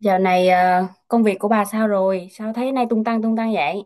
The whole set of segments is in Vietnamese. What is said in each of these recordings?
Dạo này công việc của bà sao rồi? Sao thấy nay tung tăng vậy?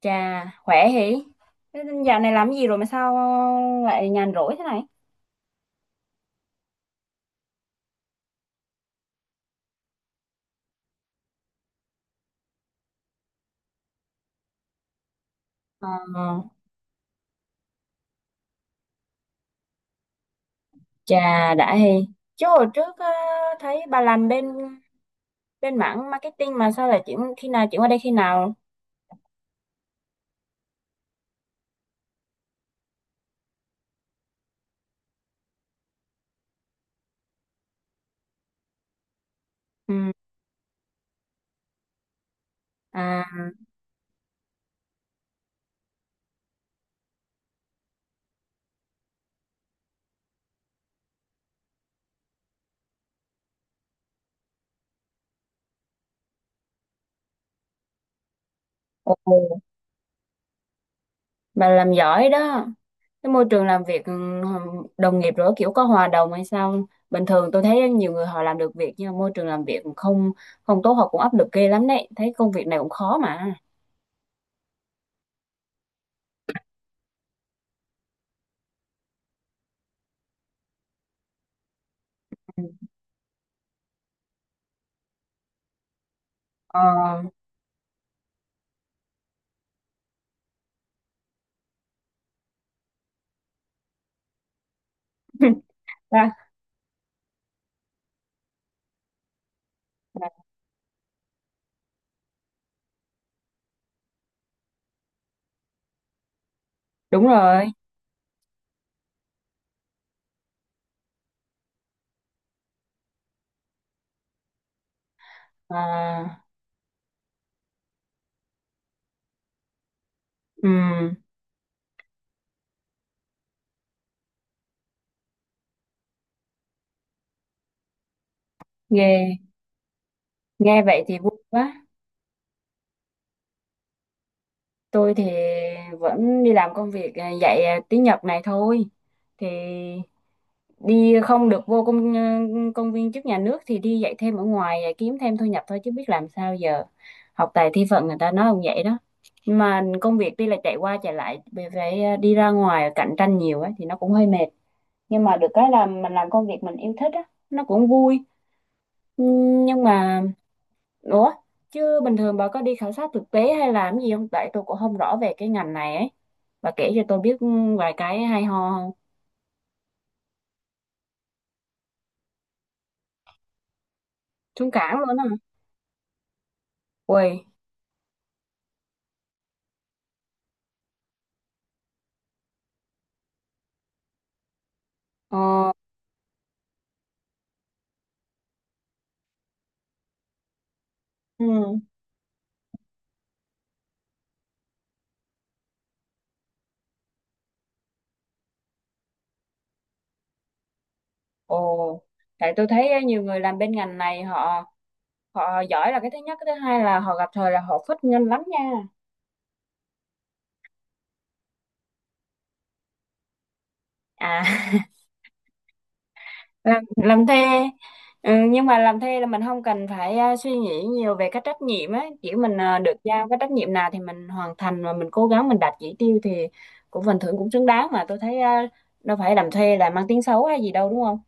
Chà, khỏe hỉ? Thế dạo này làm gì rồi mà sao lại nhàn rỗi thế này? Ờ, Chà, đã hỉ. Chứ hồi trước thấy bà làm bên bên mảng marketing mà sao lại chuyển khi nào chuyển qua đây khi nào? Ừ. À. Ồ. Bà làm giỏi đó. Cái môi trường làm việc, đồng nghiệp rồi kiểu có hòa đồng hay sao? Bình thường tôi thấy nhiều người họ làm được việc nhưng mà môi trường làm việc không không tốt, họ cũng áp lực ghê lắm đấy, thấy công việc này cũng khó mà. Ừ. ờ, ra- Đúng rồi. à, ừm, nghe nghe vậy thì vui quá. Tôi thì vẫn đi làm công việc, dạy tiếng Nhật này thôi, thì đi không được vô công viên chức nhà nước thì đi dạy thêm ở ngoài, kiếm thêm thu nhập thôi chứ biết làm sao giờ. Học tài thi phận người ta nói không vậy đó. Nhưng mà công việc đi là chạy qua chạy lại, về phải, đi ra ngoài cạnh tranh nhiều ấy thì nó cũng hơi mệt. Nhưng mà được cái là mình làm công việc mình yêu thích á, nó cũng vui. Nhưng mà ủa, chứ bình thường bà có đi khảo sát thực tế hay làm gì không? Tại tôi cũng không rõ về cái ngành này ấy, bà kể cho tôi biết vài cái hay ho không? Trúng cảng luôn á hả? Ui. ờ, ừ. Ồ, tại tôi thấy á, nhiều người làm bên ngành này họ, họ giỏi là cái thứ nhất, cái thứ hai là họ gặp thời là họ phất nhanh lắm nha. À. Làm thuê. Ừ, nhưng mà làm thuê là mình không cần phải, suy nghĩ nhiều về cái trách nhiệm á, chỉ mình, được giao cái trách nhiệm nào thì mình hoàn thành và mình cố gắng mình đạt chỉ tiêu thì cũng phần thưởng cũng xứng đáng, mà tôi thấy đâu phải làm thuê là mang tiếng xấu hay gì đâu đúng không?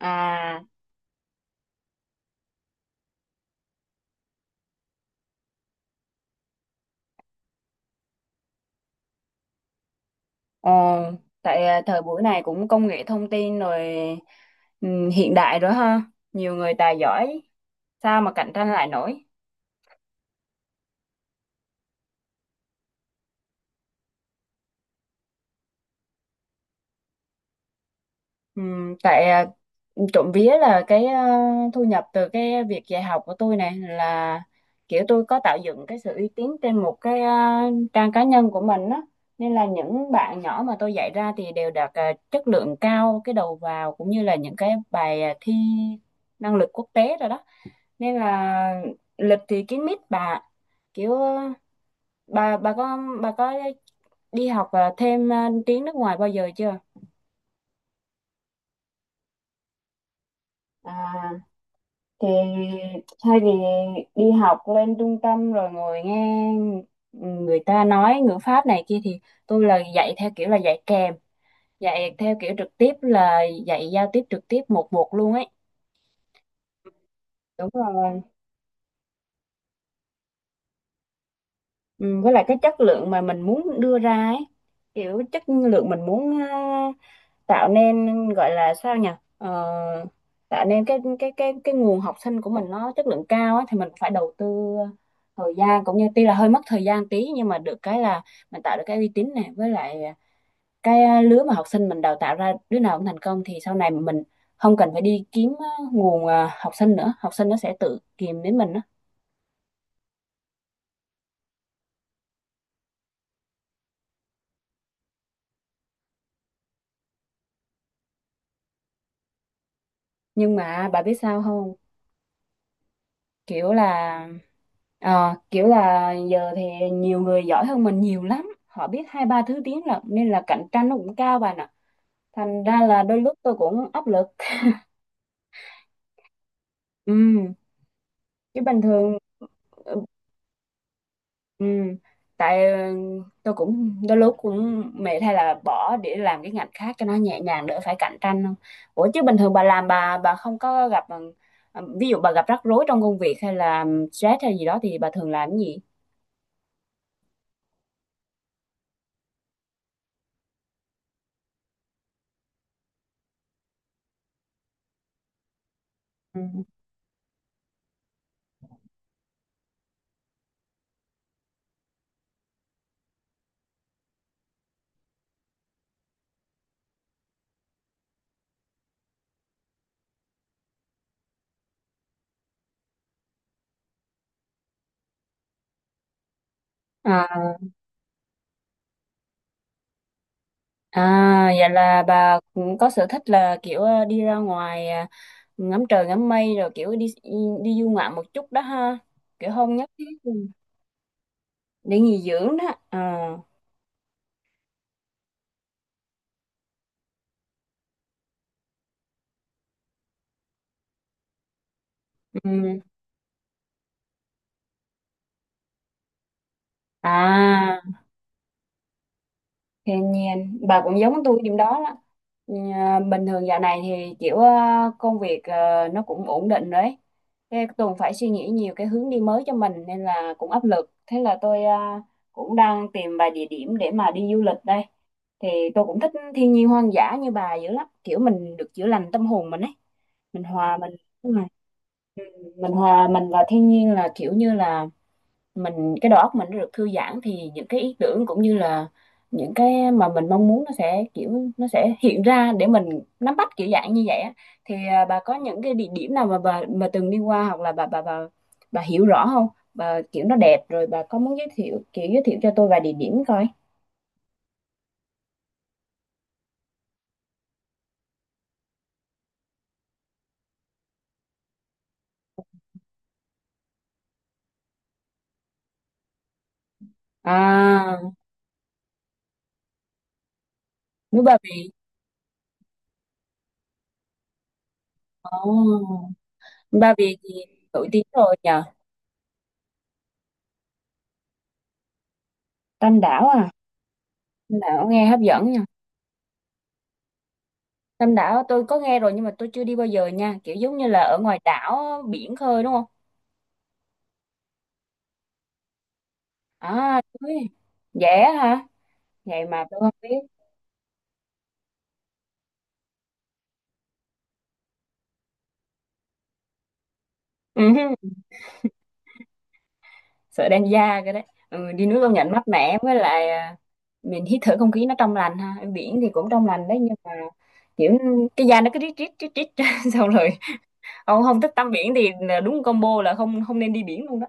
À. Ồ, tại thời buổi này cũng công nghệ thông tin rồi, ừ, hiện đại rồi ha, nhiều người tài giỏi sao mà cạnh tranh lại nổi. Ừ, tại trộm vía là cái, thu nhập từ cái việc dạy học của tôi này là kiểu tôi có tạo dựng cái sự uy tín trên một cái, trang cá nhân của mình á, nên là những bạn nhỏ mà tôi dạy ra thì đều đạt chất lượng cao, cái đầu vào cũng như là những cái bài thi năng lực quốc tế rồi đó, nên là lịch thì kín mít bà. Kiểu bà có đi học thêm tiếng nước ngoài bao giờ chưa? À, thì thay vì đi học lên trung tâm rồi ngồi nghe người ta nói ngữ pháp này kia thì tôi là dạy theo kiểu là dạy kèm, dạy theo kiểu trực tiếp là dạy giao tiếp trực tiếp một một luôn ấy. Đúng rồi. Ừ, với lại cái chất lượng mà mình muốn đưa ra ấy, kiểu chất lượng mình muốn, tạo nên gọi là sao nhỉ. Ờ, Tạo nên cái nguồn học sinh của mình nó chất lượng cao ấy, thì mình phải đầu tư thời gian, cũng như tuy là hơi mất thời gian tí nhưng mà được cái là mình tạo được cái uy tín này, với lại cái lứa mà học sinh mình đào tạo ra đứa nào cũng thành công thì sau này mình không cần phải đi kiếm nguồn học sinh nữa, học sinh nó sẽ tự tìm đến mình đó. Nhưng mà bà biết sao không, kiểu là, kiểu là giờ thì nhiều người giỏi hơn mình nhiều lắm, họ biết hai ba thứ tiếng là nên là cạnh tranh nó cũng cao bạn ạ, thành ra là đôi lúc tôi cũng áp lực. Ừ. Chứ bình thường. Ừ. Ừ. Tại tôi cũng đôi lúc cũng mệt hay là bỏ để làm cái ngành khác cho nó nhẹ nhàng đỡ phải cạnh tranh không? Ủa chứ bình thường bà làm bà không có gặp, ví dụ bà gặp rắc rối trong công việc hay là stress hay gì đó thì bà thường làm cái gì? Ừ. À. À, vậy là bà cũng có sở thích là kiểu đi ra ngoài ngắm trời ngắm mây rồi kiểu đi, đi du ngoạn một chút đó ha. Kiểu không nhất thiết để nghỉ dưỡng đó. À. Ừ. À. Thiên nhiên, bà cũng giống tôi điểm đó đó. Ừ, bình thường dạo này thì kiểu công việc nó cũng ổn định rồi ấy. Thế Tùng phải suy nghĩ nhiều cái hướng đi mới cho mình nên là cũng áp lực. Thế là tôi cũng đang tìm vài địa điểm để mà đi du lịch đây. Thì tôi cũng thích thiên nhiên hoang dã như bà dữ lắm. Kiểu mình được chữa lành tâm hồn mình ấy. Mình hòa mình, đúng rồi. Mình hòa mình vào thiên nhiên là kiểu như là mình, cái đầu óc mình nó được thư giãn thì những cái ý tưởng cũng như là những cái mà mình mong muốn nó sẽ, kiểu nó sẽ hiện ra để mình nắm bắt kiểu dạng như vậy á. Thì bà có những cái địa điểm nào mà bà mà từng đi qua hoặc là bà hiểu rõ không, bà kiểu nó đẹp rồi bà có muốn giới thiệu, kiểu giới thiệu cho tôi vài địa điểm coi. À, núi Ba Vì. Oh. Ba Vì thì nổi tiếng rồi nhờ. Tam Đảo à? Tam Đảo nghe hấp dẫn nhờ. Tam Đảo tôi có nghe rồi nhưng mà tôi chưa đi bao giờ nha, kiểu giống như là ở ngoài đảo biển khơi đúng không? À, tôi... Dễ hả? Vậy mà tôi không biết. Ừ. Sợ đen da cái đấy. Ừ, đi nước công nhận mát mẻ, với lại mình hít thở không khí nó trong lành ha. Ở biển thì cũng trong lành đấy nhưng mà kiểu cái da nó cứ rít rít rít rít xong rồi ông không thích tắm biển thì là đúng combo, là không không nên đi biển luôn đó.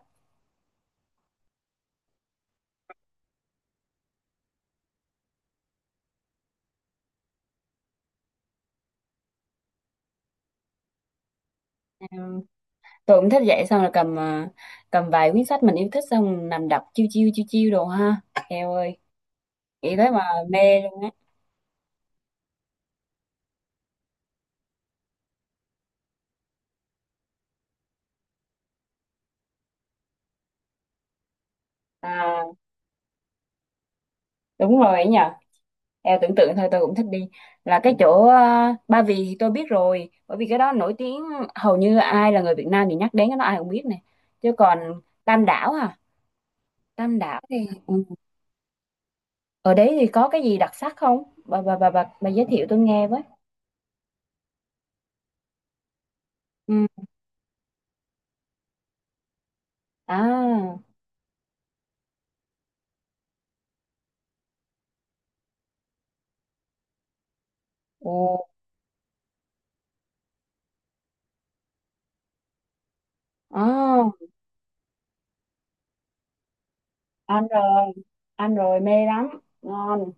Ừ, tôi cũng thích vậy, xong rồi cầm, cầm vài quyển sách mình yêu thích xong nằm đọc chiêu chiêu chiêu chiêu đồ ha. Eo ơi, nghĩ tới mà mê luôn á. À, đúng rồi ấy nhờ, em tưởng tượng thôi tôi cũng thích đi. Là cái chỗ Ba Vì thì tôi biết rồi bởi vì cái đó nổi tiếng, hầu như ai là người Việt Nam thì nhắc đến cái đó ai cũng biết nè, chứ còn Tam Đảo à, Tam Đảo thì ừ. Ở đấy thì có cái gì đặc sắc không bà, bà, giới thiệu tôi nghe với. Ừ. À. Ồ. À, ăn rồi, ăn rồi mê lắm, ngon.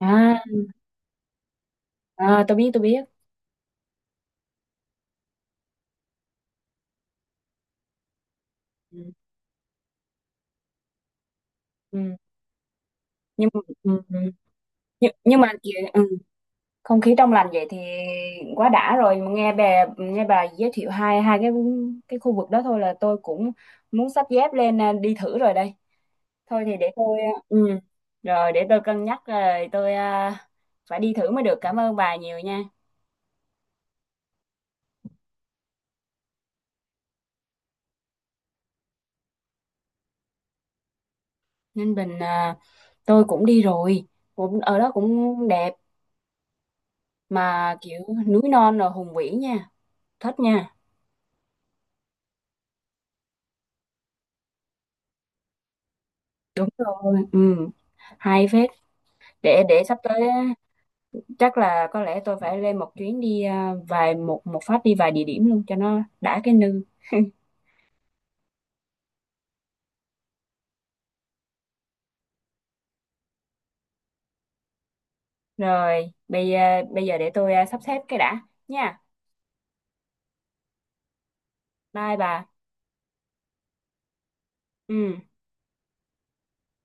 À, à tôi biết tôi biết. Ừ. Ừ. Nhưng ừ. Ừ. nhưng mà kìa, ừ, không khí trong lành vậy thì quá đã rồi, nghe bà giới thiệu hai hai cái khu vực đó thôi là tôi cũng muốn xách dép lên, đi thử rồi đây. Thôi thì để tôi, ừ, rồi để tôi cân nhắc rồi tôi, phải đi thử mới được. Cảm ơn bà nhiều nha. Ninh Bình à, tôi cũng đi rồi, cũng ở đó cũng đẹp, mà kiểu núi non rồi hùng vĩ nha, thích nha. Đúng rồi, ừ, hay phết. Để sắp tới chắc là có lẽ tôi phải lên một chuyến đi, vài, một một phát đi vài địa điểm luôn cho nó đã cái nư. Rồi bây giờ để tôi, sắp xếp cái đã nha. Bye bà. Ừ